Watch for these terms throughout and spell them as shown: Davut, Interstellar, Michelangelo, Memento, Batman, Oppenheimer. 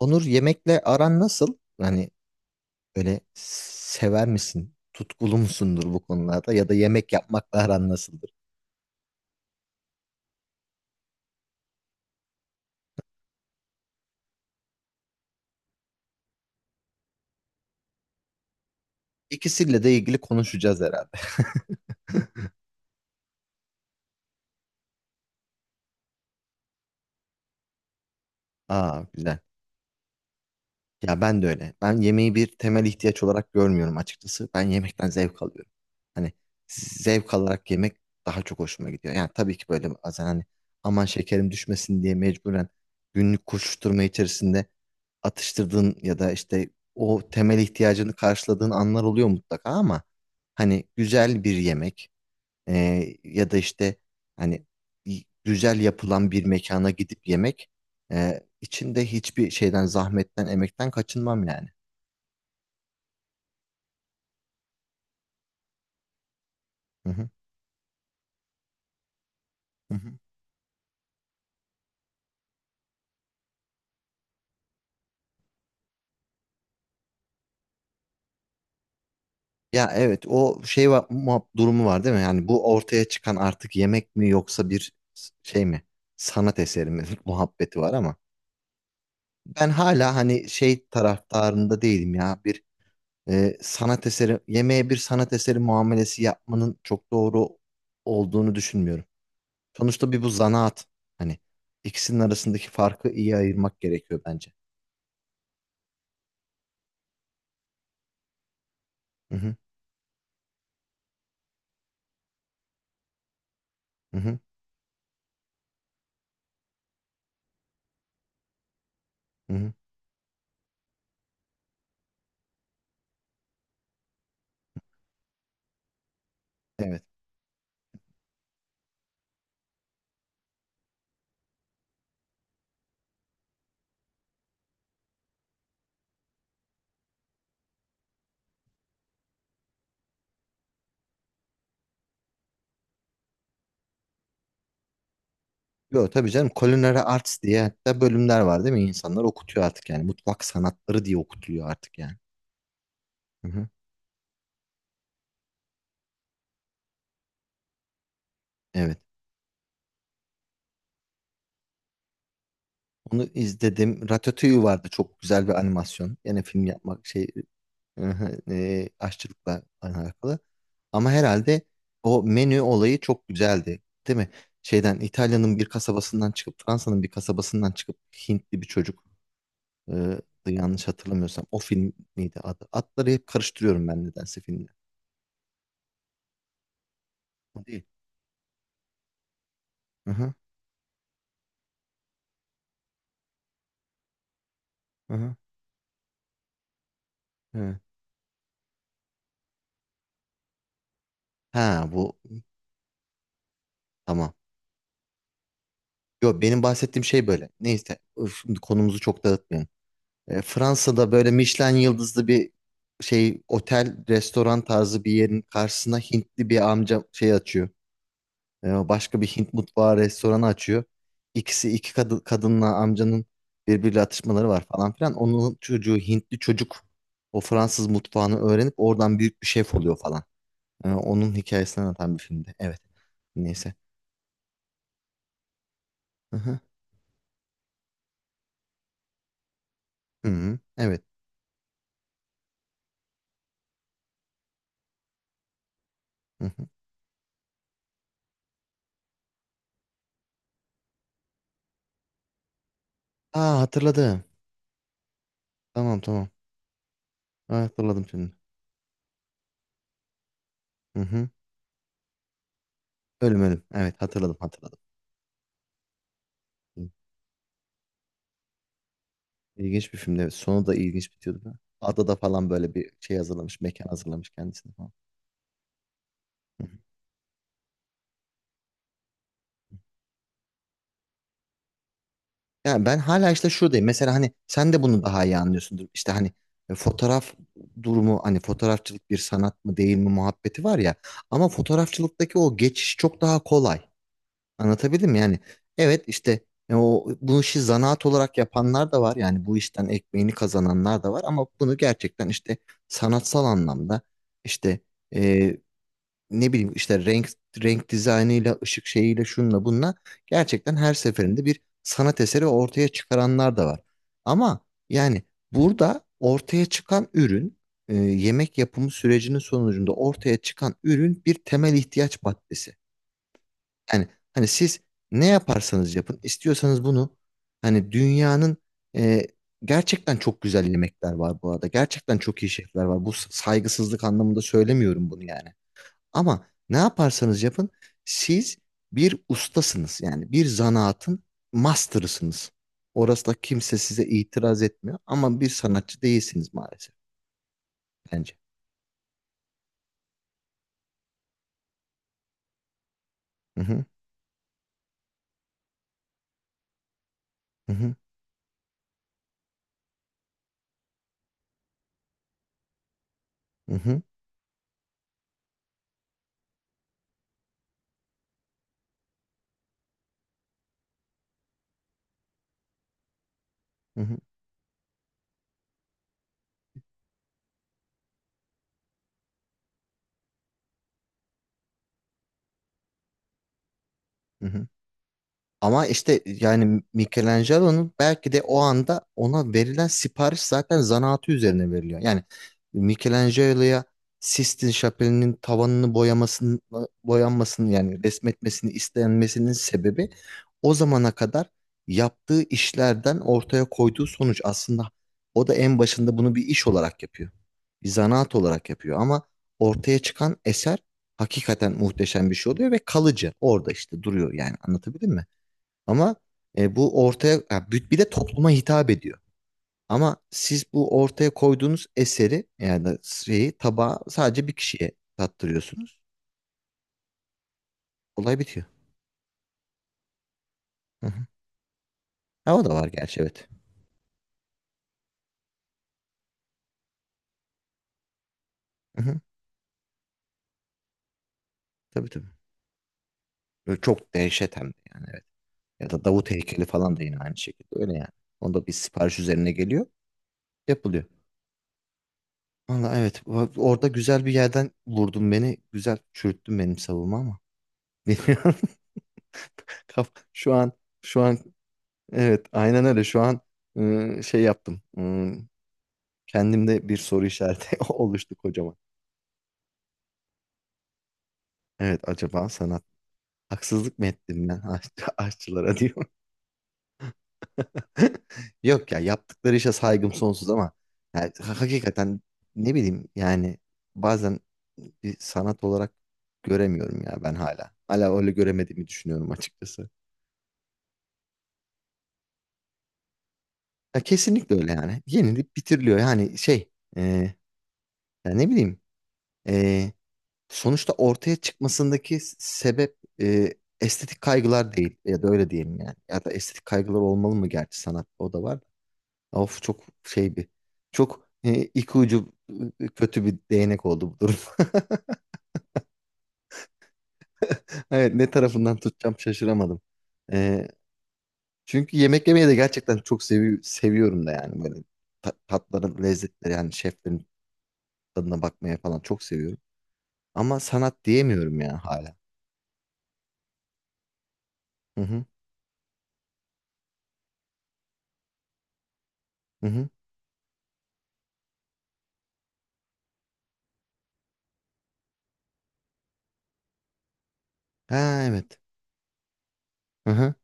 Onur, yemekle aran nasıl? Hani öyle sever misin? Tutkulu musundur bu konularda? Ya da yemek yapmakla aran nasıldır? İkisiyle de ilgili konuşacağız herhalde. Aa, güzel. Ya ben de öyle. Ben yemeği bir temel ihtiyaç olarak görmüyorum açıkçası. Ben yemekten zevk alıyorum. Hani zevk alarak yemek daha çok hoşuma gidiyor. Yani tabii ki böyle bazen hani aman şekerim düşmesin diye mecburen günlük koşuşturma içerisinde atıştırdığın ya da işte o temel ihtiyacını karşıladığın anlar oluyor mutlaka, ama hani güzel bir yemek ya da işte hani güzel yapılan bir mekana gidip yemek, içinde hiçbir şeyden, zahmetten, emekten kaçınmam yani. Hı hı, hı hı. Ya evet, o şey var, durumu var değil mi? Yani bu ortaya çıkan artık yemek mi, yoksa bir şey mi? Sanat eseri mi? Muhabbeti var ama ben hala hani şey taraftarında değilim ya. Bir sanat eseri, yemeğe bir sanat eseri muamelesi yapmanın çok doğru olduğunu düşünmüyorum. Sonuçta bir bu zanaat. Hani ikisinin arasındaki farkı iyi ayırmak gerekiyor bence. Hı hı, hı hı, hı hı. Evet. Yo tabii canım, culinary arts diye hatta bölümler var değil mi? İnsanlar okutuyor artık yani. Mutfak sanatları diye okutuluyor artık yani. Hı hı. Evet. Onu izledim. Ratatouille vardı, çok güzel bir animasyon. Yine film yapmak şey aşçılıkla alakalı. Ama herhalde o menü olayı çok güzeldi, değil mi? Şeyden, İtalya'nın bir kasabasından çıkıp, Fransa'nın bir kasabasından çıkıp Hintli bir çocuk, yanlış hatırlamıyorsam o film miydi adı? Adları hep karıştırıyorum ben nedense filmle. O değil. Hı hı, hı hı, evet. Ha bu, tamam. Yo, benim bahsettiğim şey böyle. Neyse öf, şimdi konumuzu çok dağıtmayalım. Fransa'da böyle Michelin yıldızlı bir şey otel, restoran tarzı bir yerin karşısına Hintli bir amca şey açıyor. Başka bir Hint mutfağı restoranı açıyor. İkisi, iki kadınla amcanın birbiriyle atışmaları var falan filan. Onun çocuğu, Hintli çocuk, o Fransız mutfağını öğrenip oradan büyük bir şef oluyor falan. Onun hikayesini anlatan bir filmdi. Evet. Neyse. Hı hı. Hı hı. Evet. Hı hı. Aa, hatırladım. Tamam tamam. Ha, hatırladım şimdi. Hı hı. Ölüm, ölüm. Evet, hatırladım hatırladım. Hı. İlginç bir filmdi, evet. Sonu da ilginç bitiyordu da. Adada falan böyle bir şey hazırlamış. Mekan hazırlamış kendisine falan. Hı hı. Yani ben hala işte şuradayım. Mesela hani sen de bunu daha iyi anlıyorsundur. İşte hani fotoğraf durumu, hani fotoğrafçılık bir sanat mı değil mi muhabbeti var ya. Ama fotoğrafçılıktaki o geçiş çok daha kolay. Anlatabildim mi? Yani evet, işte o bu işi zanaat olarak yapanlar da var. Yani bu işten ekmeğini kazananlar da var, ama bunu gerçekten işte sanatsal anlamda işte, e, ne bileyim işte renk renk dizaynıyla, ışık şeyiyle, şunla bununla gerçekten her seferinde bir sanat eseri ortaya çıkaranlar da var. Ama yani burada ortaya çıkan ürün, yemek yapımı sürecinin sonucunda ortaya çıkan ürün bir temel ihtiyaç maddesi. Yani hani siz ne yaparsanız yapın, istiyorsanız bunu hani dünyanın e, gerçekten çok güzel yemekler var bu arada. Gerçekten çok iyi şefler var. Bu saygısızlık anlamında söylemiyorum bunu yani. Ama ne yaparsanız yapın, siz bir ustasınız. Yani bir zanaatın master'ısınız. Orası da, kimse size itiraz etmiyor, ama bir sanatçı değilsiniz maalesef bence. Hı hı, hı hı, hı hı, hı hı, hı hı. Ama işte yani Michelangelo'nun belki de o anda ona verilen sipariş zaten zanaatı üzerine veriliyor. Yani Michelangelo'ya Sistine Şapeli'nin tavanını boyamasını, boyanmasını, yani resmetmesini istenmesinin sebebi, o zamana kadar yaptığı işlerden ortaya koyduğu sonuç. Aslında o da en başında bunu bir iş olarak yapıyor. Bir zanaat olarak yapıyor, ama ortaya çıkan eser hakikaten muhteşem bir şey oluyor ve kalıcı. Orada işte duruyor yani, anlatabildim mi? Ama bu ortaya ya, bir de topluma hitap ediyor. Ama siz bu ortaya koyduğunuz eseri, yani da şeyi, tabağı sadece bir kişiye tattırıyorsunuz. Olay bitiyor. Hı hı. Ha, o da var gerçi, evet. Hı hı. Tabii tabii. Böyle çok dehşet hem de, yani evet. Ya da Davut heykeli falan da yine aynı şekilde öyle yani. Onda bir sipariş üzerine geliyor, yapılıyor. Valla evet, orada güzel bir yerden vurdun beni. Güzel çürüttün benim savunma ama. Bilmiyorum. Şu an, şu an evet, aynen öyle. Şu an şey yaptım. Kendimde bir soru işareti oluştu kocaman. Evet, acaba sanat, haksızlık mı ettim ben aşçılara, diyor. Yok ya, yaptıkları işe saygım sonsuz ama yani, hakikaten ne bileyim yani, bazen bir sanat olarak göremiyorum ya ben hala. Hala öyle göremediğimi düşünüyorum açıkçası. Ya kesinlikle öyle yani. Yenilip bitiriliyor yani şey, e, ya ne bileyim, sonuçta ortaya çıkmasındaki sebep estetik kaygılar değil, ya da öyle diyelim yani. Ya da estetik kaygılar olmalı mı gerçi, sanatta o da var. Of, çok şey bir, çok iki ucu kötü bir değnek oldu bu durum. Evet, ne tarafından tutacağım şaşıramadım. E, çünkü yemek yemeyi de gerçekten çok seviyorum da yani böyle tatların lezzetleri, yani şeflerin tadına bakmaya falan çok seviyorum. Ama sanat diyemiyorum ya hala. Hı hı. Hı hı. Ha evet. Hı hı.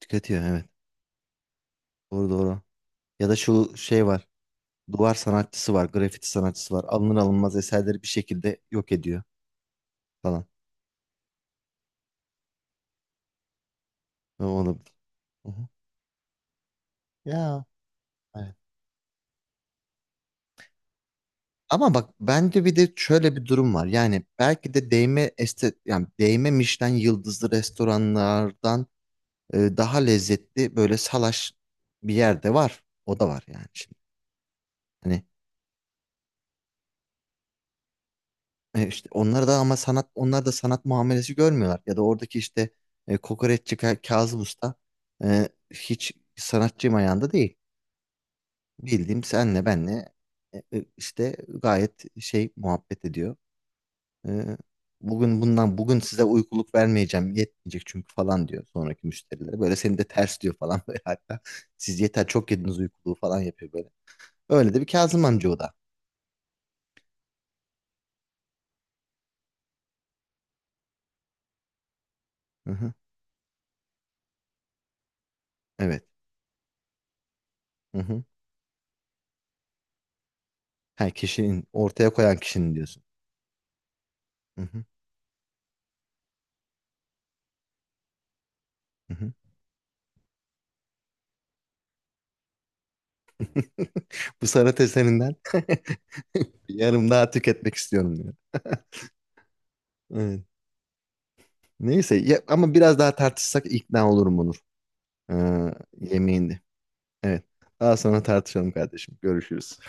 Tüketiyor, evet. Doğru doğru. Ya da şu şey var. Duvar sanatçısı var. Grafiti sanatçısı var. Alınır alınmaz eserleri bir şekilde yok ediyor falan. O olabilir. Hı hı. Ya, evet. Ama bak, bence bir de şöyle bir durum var. Yani belki de değme este, yani değme Michelin yıldızlı restoranlardan daha lezzetli böyle salaş bir yerde var. O da var yani şimdi. Hani işte onlar da, ama sanat, onlar da sanat muamelesi görmüyorlar. Ya da oradaki işte kokoreççi Kazım Usta hiç sanatçı ayağında değil. Bildiğim senle benle işte gayet şey muhabbet ediyor. E, bugün bundan, bugün size uykuluk vermeyeceğim, yetmeyecek çünkü, falan diyor sonraki müşterilere. Böyle seni de ters diyor falan böyle hatta. Siz yeter, çok yediniz uykuluğu, falan yapıyor böyle. Öyle de bir Kazım amca o da. Hı hı. Evet. Hı hı. Ha, kişinin, ortaya koyan kişinin diyorsun. Hı hı. Hı hı. Bu sanat eserinden yarım daha tüketmek istiyorum, diyor. Evet. Neyse ya, ama biraz daha tartışsak ikna olurum Onur. Ee, yemeğinde. Evet. Daha sonra tartışalım kardeşim. Görüşürüz.